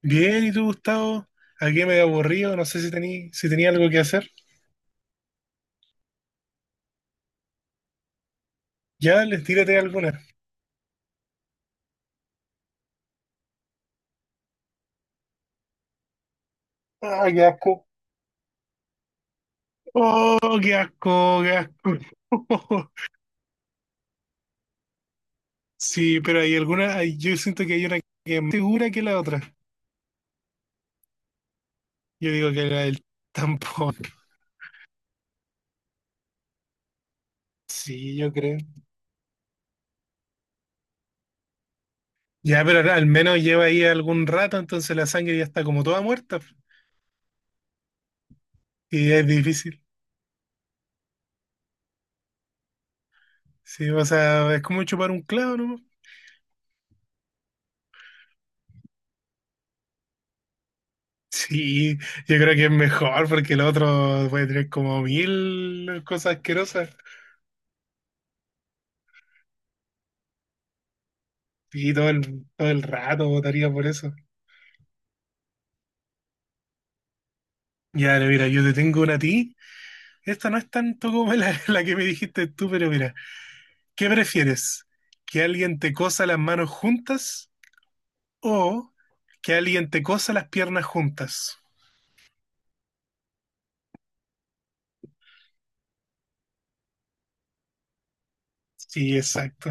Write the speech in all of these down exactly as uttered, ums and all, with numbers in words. Bien, ¿y tú, Gustavo? Aquí medio aburrido, no sé si tení, si tenía algo que hacer. Ya, les tírate alguna. Ah, qué asco. Oh, qué asco, qué asco. Sí, pero hay alguna, hay- yo siento que hay una que es más segura que la otra. Yo digo que la del tampón. Sí, yo creo. Ya, pero al menos lleva ahí algún rato, entonces la sangre ya está como toda muerta. Y es difícil. Sí, o sea, es como chupar un clavo, ¿no? Sí, yo creo que es mejor porque el otro puede tener como mil cosas asquerosas y todo el, todo el rato votaría por eso. Ya, ahora mira, yo te tengo una a ti. Esta no es tanto como la, la que me dijiste tú, pero mira, ¿qué prefieres? ¿Que alguien te cosa las manos juntas o que alguien te cosa las piernas juntas? Sí, exacto.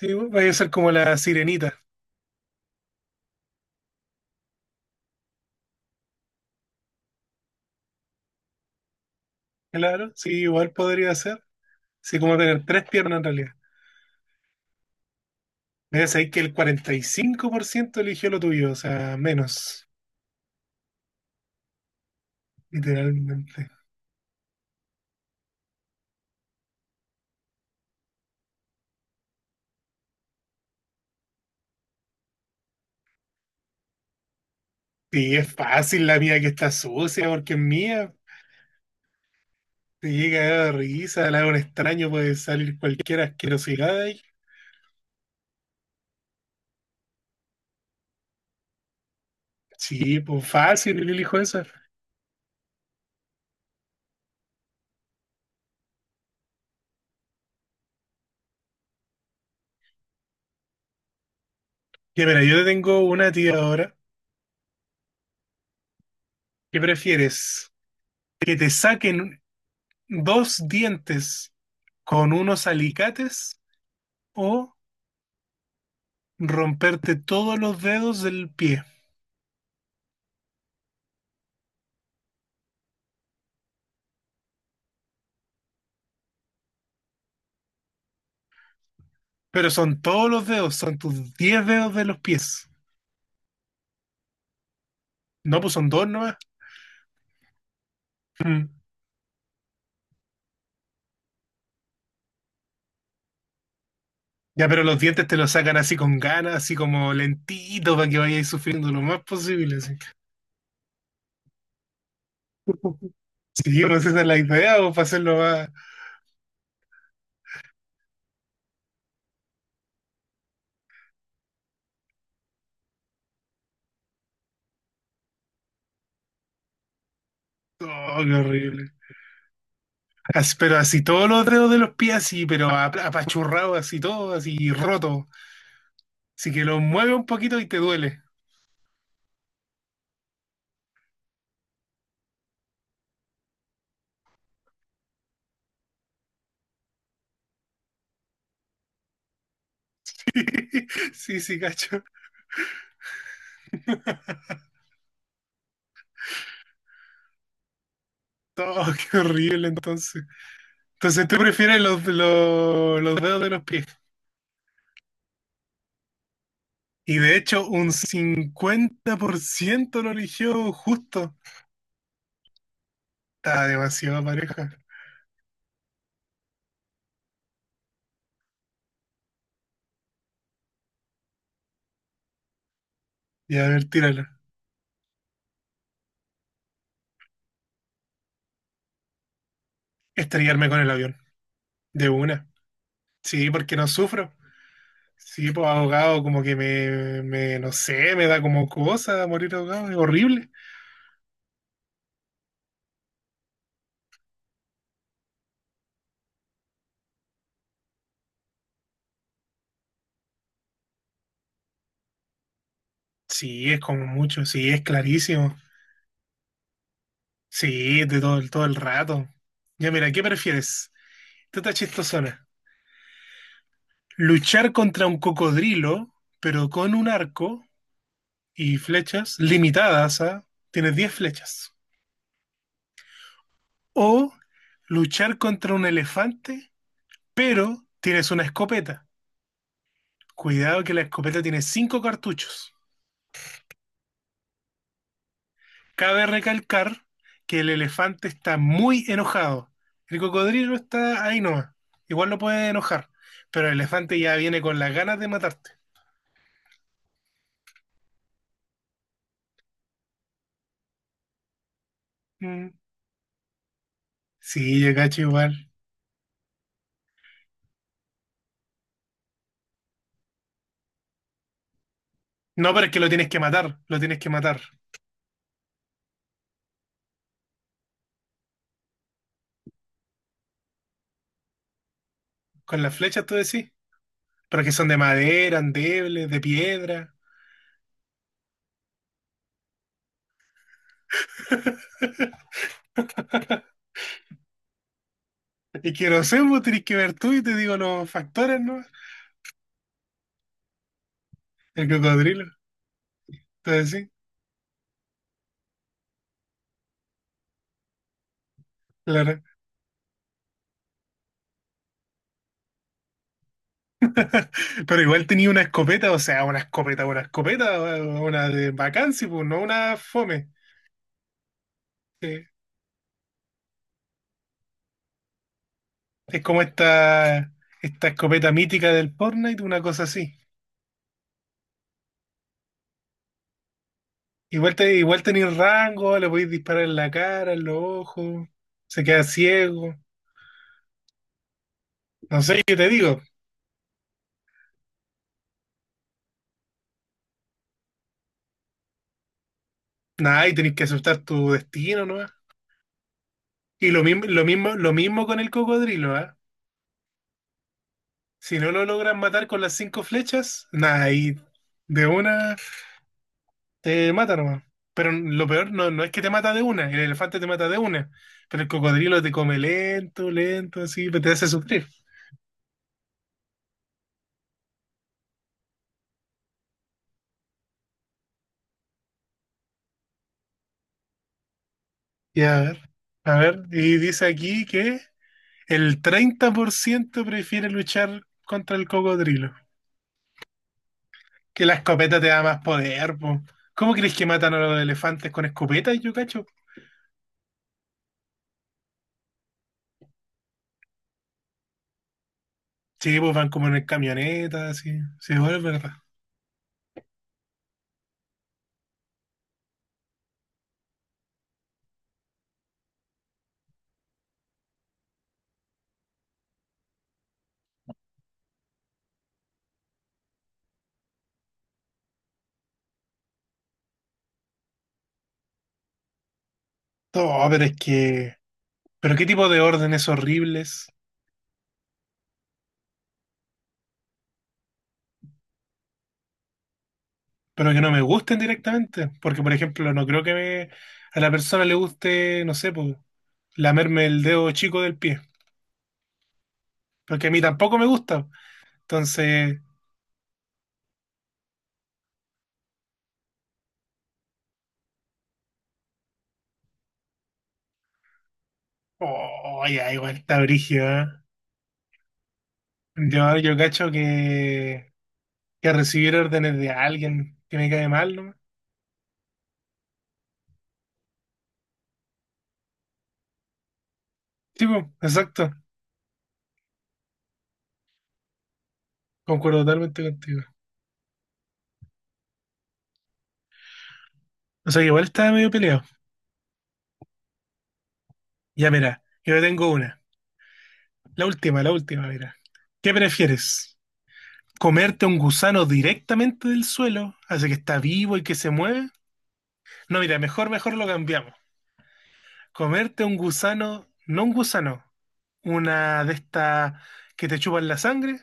Sí, va a ser como la sirenita, claro. Sí, igual podría ser. Sí, como tener tres piernas en realidad. Debes saber que el cuarenta y cinco por ciento eligió lo tuyo, o sea, menos, literalmente. Sí, es fácil la mía que está sucia, porque es mía. Te llega a dar risa, la hago un extraño, puede salir cualquier asquerosidad de ahí. Sí, pues fácil, yo elijo esa. Ya, mira, yo te tengo una tía ahora. ¿Qué prefieres? ¿Que te saquen dos dientes con unos alicates o romperte todos los dedos del pie? Pero son todos los dedos, son tus diez dedos de los pies. No, pues son dos nomás. Mm. Ya, pero los dientes te los sacan así con ganas, así como lentito, para que vayáis sufriendo lo más posible. Así. Sí, pues esa es la idea, o para hacerlo más. Oh, qué horrible. As- pero así todos los dedos de los pies, así, pero ap- apachurrado, así todo, así roto. Así que lo mueve un poquito y te duele. Sí, sí, cacho. Oh, qué horrible entonces. Entonces tú prefieres los, los, los dedos de los pies. Y de hecho, un cincuenta por ciento lo eligió justo. Está demasiado pareja. Y a ver, tírala. Estrellarme con el avión. De una. Sí, porque no sufro. Sí, pues ahogado, como que me, me, no sé, me da como cosa morir ahogado. Es horrible. Sí, es como mucho. Sí, es clarísimo. Sí, de todo, el- todo el rato. Ya, mira, ¿qué prefieres? Esta está chistosona. Luchar contra un cocodrilo, pero con un arco y flechas limitadas a... Tienes diez flechas. O luchar contra un elefante, pero tienes una escopeta. Cuidado que la escopeta tiene cinco cartuchos. Cabe recalcar que el elefante está muy enojado. El cocodrilo está ahí nomás. Igual lo puede enojar, pero el elefante ya viene con las ganas de matarte. Mm. Sí, yo cacho igual. No, pero es que lo tienes que matar, lo tienes que matar. Con las flechas tú decís, pero que son de madera, endebles, de piedra. Y que no sé, vos tenés que ver tú y te digo los factores, ¿no? El cocodrilo. Entonces sí, claro. Pero igual tenía una escopeta, o sea, una escopeta, una escopeta, una de vacancia, pues no una fome. Sí. Es como esta, esta escopeta mítica del Fortnite, una cosa así. Igual, te, igual tenéis rango, le podéis disparar en la cara, en los ojos, se queda ciego. No sé, qué te digo, nada, y tenéis que aceptar tu destino, ¿no? Y lo mismo, lo mismo, lo mismo con el cocodrilo, ¿ah? Si no lo logran matar con las cinco flechas, nada, ahí de una te mata nomás. Pero lo peor no, no es que te mata de una, el elefante te mata de una, pero el cocodrilo te come lento, lento, así, pero te hace sufrir. Y a ver, a ver, y dice aquí que el treinta por ciento prefiere luchar contra el cocodrilo, que la escopeta te da más poder, po. ¿Cómo crees que matan a los elefantes con escopetas, yo cacho? Sí, pues van como en camionetas, así, sí, bueno, es verdad. No, pero es que Pero qué tipo de órdenes horribles, pero que no me gusten directamente. Porque, por ejemplo, no creo que me- a la persona le guste, no sé, pues, lamerme el dedo chico del pie. Porque a mí tampoco me gusta. Entonces, oh, ya, igual está brígido, ¿eh? Yo, yo cacho que, que recibir órdenes de alguien que me cae mal, ¿no? Sí, pues, exacto. Concuerdo totalmente contigo. O sea, que igual estaba medio peleado. Ya, mira, yo tengo una. La última, la última, mira. ¿Qué prefieres? Comerte un gusano directamente del suelo, así que está vivo y que se mueve. No, mira, mejor, mejor lo cambiamos. Comerte un gusano, no un gusano, una de estas que te chupan la sangre,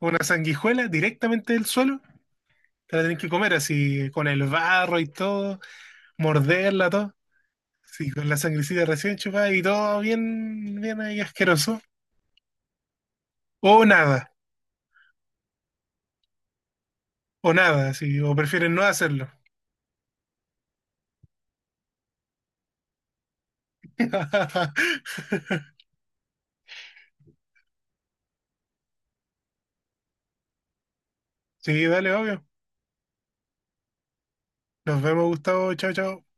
una sanguijuela directamente del suelo. Te la tenés que comer así, con el barro y todo, morderla, todo. Sí, con la sangrecita recién chupada y todo bien, bien ahí asqueroso. O nada, o nada, sí, o prefieren no hacerlo. Sí, dale, obvio. Nos vemos, Gustavo. Chao, chao.